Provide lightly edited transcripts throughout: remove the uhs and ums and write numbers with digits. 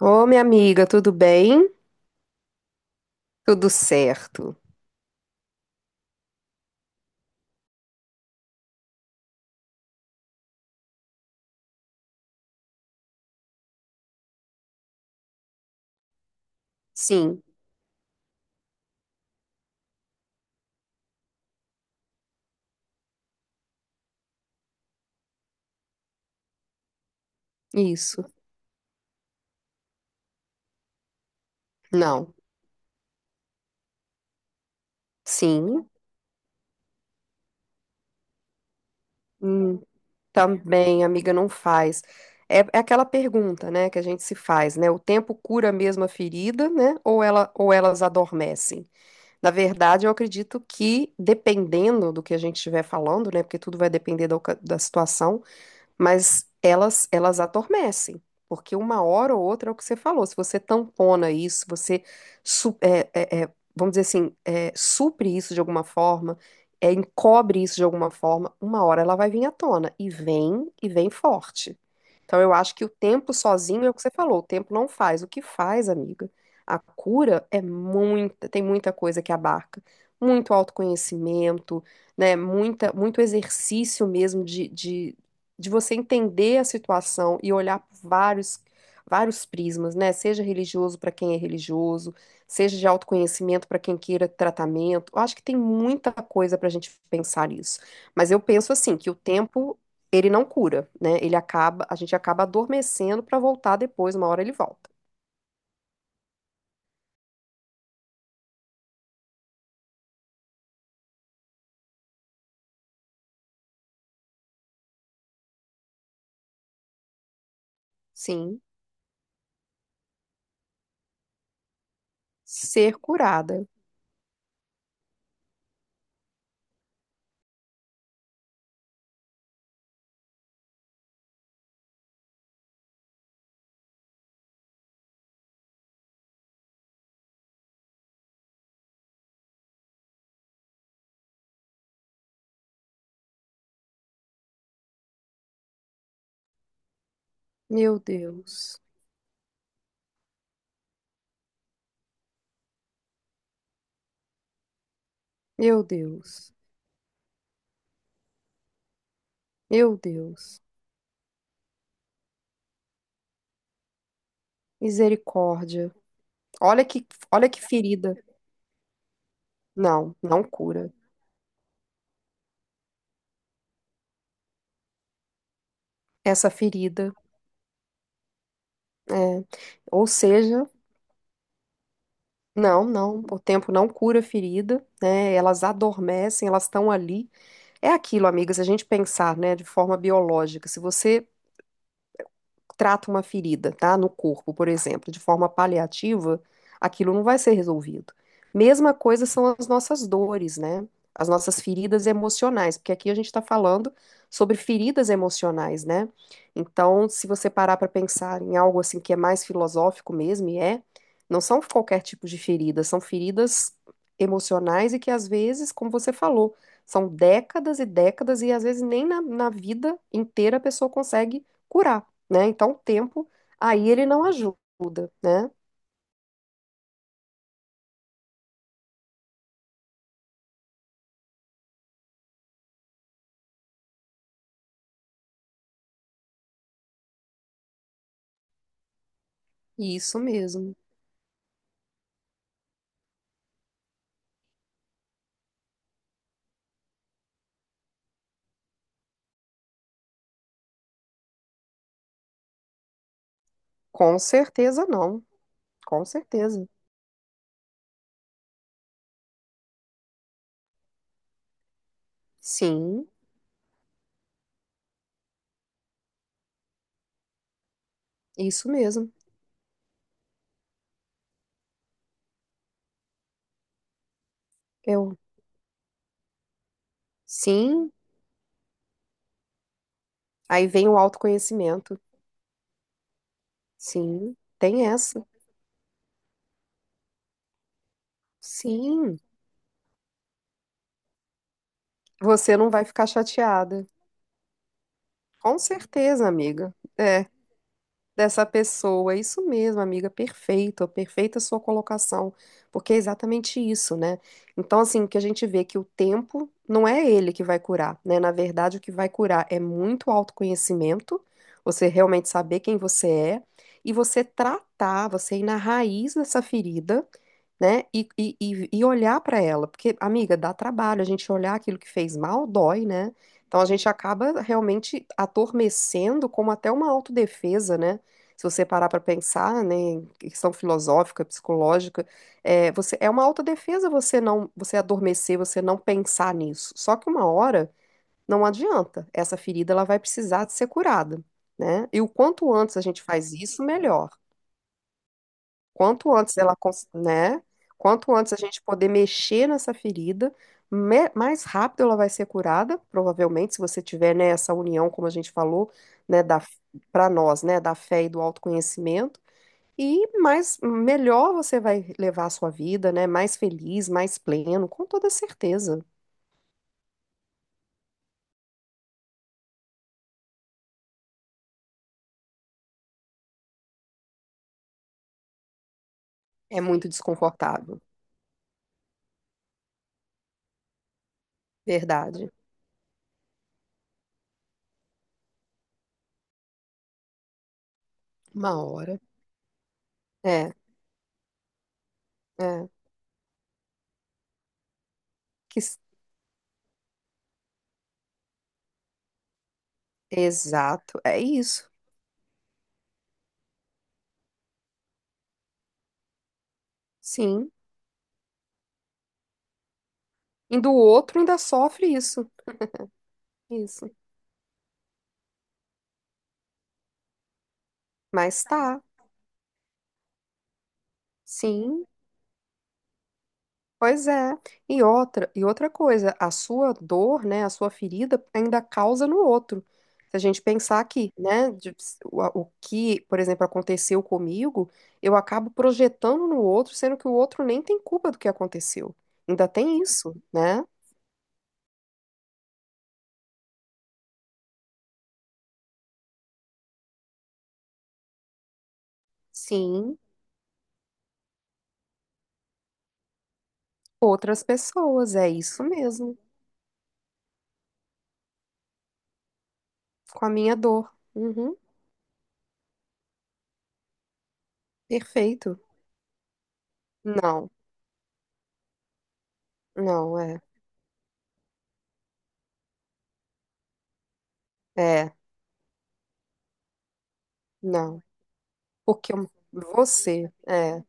Ô, minha amiga, tudo bem? Tudo certo. Sim, isso. Não. Sim. Hum, também, amiga, não faz. É, é aquela pergunta, né, que a gente se faz, né? O tempo cura mesmo a ferida, né? Ou elas adormecem? Na verdade, eu acredito que, dependendo do que a gente estiver falando, né? Porque tudo vai depender da situação, mas elas adormecem, porque uma hora ou outra é o que você falou. Se você tampona isso, você su- é, é, é, vamos dizer assim, é, supre isso de alguma forma, é, encobre isso de alguma forma, uma hora ela vai vir à tona e vem forte. Então, eu acho que o tempo sozinho é o que você falou, o tempo não faz. O que faz, amiga? A cura é muita, tem muita coisa que abarca, muito autoconhecimento, né? Muita, muito exercício mesmo de você entender a situação e olhar por vários, vários prismas, né? Seja religioso para quem é religioso, seja de autoconhecimento para quem queira tratamento. Eu acho que tem muita coisa para a gente pensar nisso. Mas eu penso assim, que o tempo ele não cura, né? Ele acaba, a gente acaba adormecendo para voltar depois, uma hora ele volta. Sim, ser curada. Meu Deus. Meu Deus. Meu Deus. Misericórdia. Olha que, olha que ferida. Não, não cura. Essa ferida, é, ou seja, não, não, o tempo não cura a ferida, né? Elas adormecem, elas estão ali. É aquilo, amiga, se a gente pensar, né, de forma biológica, se você trata uma ferida, tá? No corpo, por exemplo, de forma paliativa, aquilo não vai ser resolvido. Mesma coisa são as nossas dores, né? As nossas feridas emocionais, porque aqui a gente está falando sobre feridas emocionais, né? Então, se você parar para pensar em algo assim que é mais filosófico mesmo, e é, não são qualquer tipo de ferida, são feridas emocionais e que às vezes, como você falou, são décadas e décadas e às vezes nem na vida inteira a pessoa consegue curar, né? Então, o tempo aí ele não ajuda, né? Isso mesmo. Com certeza não. Com certeza. Sim, isso mesmo. Eu, sim, aí vem o autoconhecimento. Sim, tem essa. Sim, você não vai ficar chateada. Com certeza, amiga. É. Dessa pessoa. Isso mesmo, amiga, perfeito, perfeita sua colocação, porque é exatamente isso, né? Então, assim, o que a gente vê é que o tempo não é ele que vai curar, né? Na verdade, o que vai curar é muito autoconhecimento, você realmente saber quem você é e você tratar, você ir na raiz dessa ferida, né? E olhar para ela, porque, amiga, dá trabalho, a gente olhar aquilo que fez mal dói, né? Então a gente acaba realmente adormecendo como até uma autodefesa, né? Se você parar para pensar, né, em questão filosófica, psicológica, é, você, é uma autodefesa você não, você adormecer, você não pensar nisso. Só que uma hora não adianta, essa ferida ela vai precisar de ser curada, né? E o quanto antes a gente faz isso, melhor. Quanto antes ela, cons- né? Quanto antes a gente poder mexer nessa ferida, mais rápido ela vai ser curada, provavelmente, se você tiver, né, essa união, como a gente falou, né, da, para nós, né, da fé e do autoconhecimento, e mais melhor você vai levar a sua vida, né, mais feliz, mais pleno, com toda certeza. É muito desconfortável, verdade. Uma hora. É, é. Que, s- exato, é isso. Sim. E do outro ainda sofre isso. Isso. Mas tá, sim, pois é. E outra coisa, a sua dor, né, a sua ferida ainda causa no outro. Se a gente pensar aqui, né, o que, por exemplo, aconteceu comigo, eu acabo projetando no outro, sendo que o outro nem tem culpa do que aconteceu. Ainda tem isso, né? Sim, outras pessoas, é isso mesmo, com a minha dor. Uhum, perfeito. Não, não, é, é, não. Porque eu- você, é.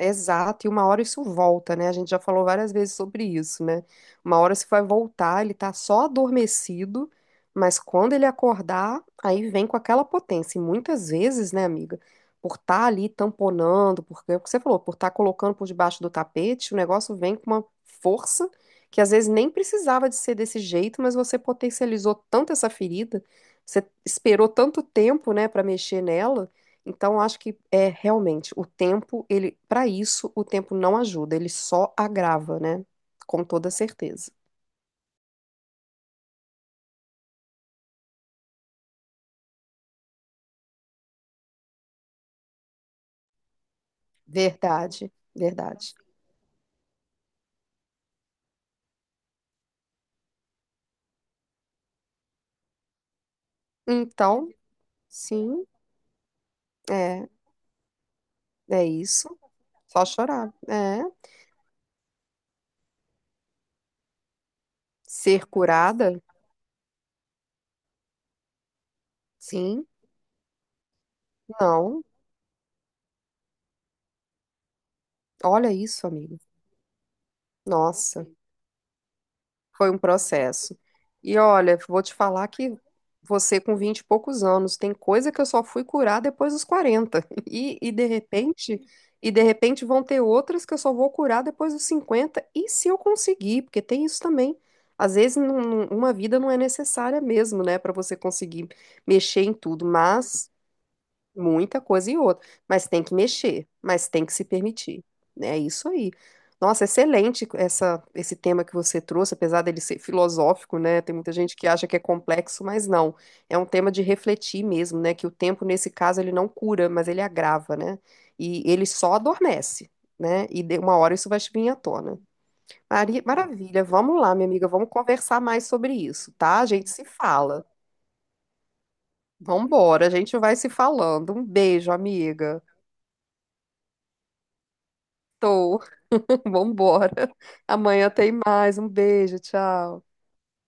Exato, e uma hora isso volta, né? A gente já falou várias vezes sobre isso, né? Uma hora isso vai voltar, ele tá só adormecido, mas quando ele acordar, aí vem com aquela potência. E muitas vezes, né, amiga, por estar ali tamponando, porque é o que você falou, por estar colocando por debaixo do tapete, o negócio vem com uma força que às vezes nem precisava de ser desse jeito, mas você potencializou tanto essa ferida, você esperou tanto tempo, né, para mexer nela. Então, eu acho que é realmente o tempo, ele, para isso, o tempo não ajuda, ele só agrava, né? Com toda certeza. Verdade, verdade. Então, sim, é, é isso. Só chorar. É. Ser curada? Sim, não. Olha isso, amigo. Nossa. Foi um processo. E olha, vou te falar que você com 20 e poucos anos, tem coisa que eu só fui curar depois dos 40. E, e de repente vão ter outras que eu só vou curar depois dos 50. E se eu conseguir, porque tem isso também. Às vezes, uma vida não é necessária mesmo, né, para você conseguir mexer em tudo, mas muita coisa e outra, mas tem que mexer, mas tem que se permitir. Né, é isso aí. Nossa, excelente essa, esse tema que você trouxe, apesar dele ser filosófico, né? Tem muita gente que acha que é complexo, mas não. É um tema de refletir mesmo, né? Que o tempo, nesse caso, ele não cura, mas ele agrava, né? E ele só adormece, né? E de uma hora isso vai vir à tona. Maravilha, vamos lá, minha amiga, vamos conversar mais sobre isso, tá? A gente se fala. Vambora, a gente vai se falando. Um beijo, amiga. Estou. Vambora. Amanhã tem mais. Um beijo, tchau.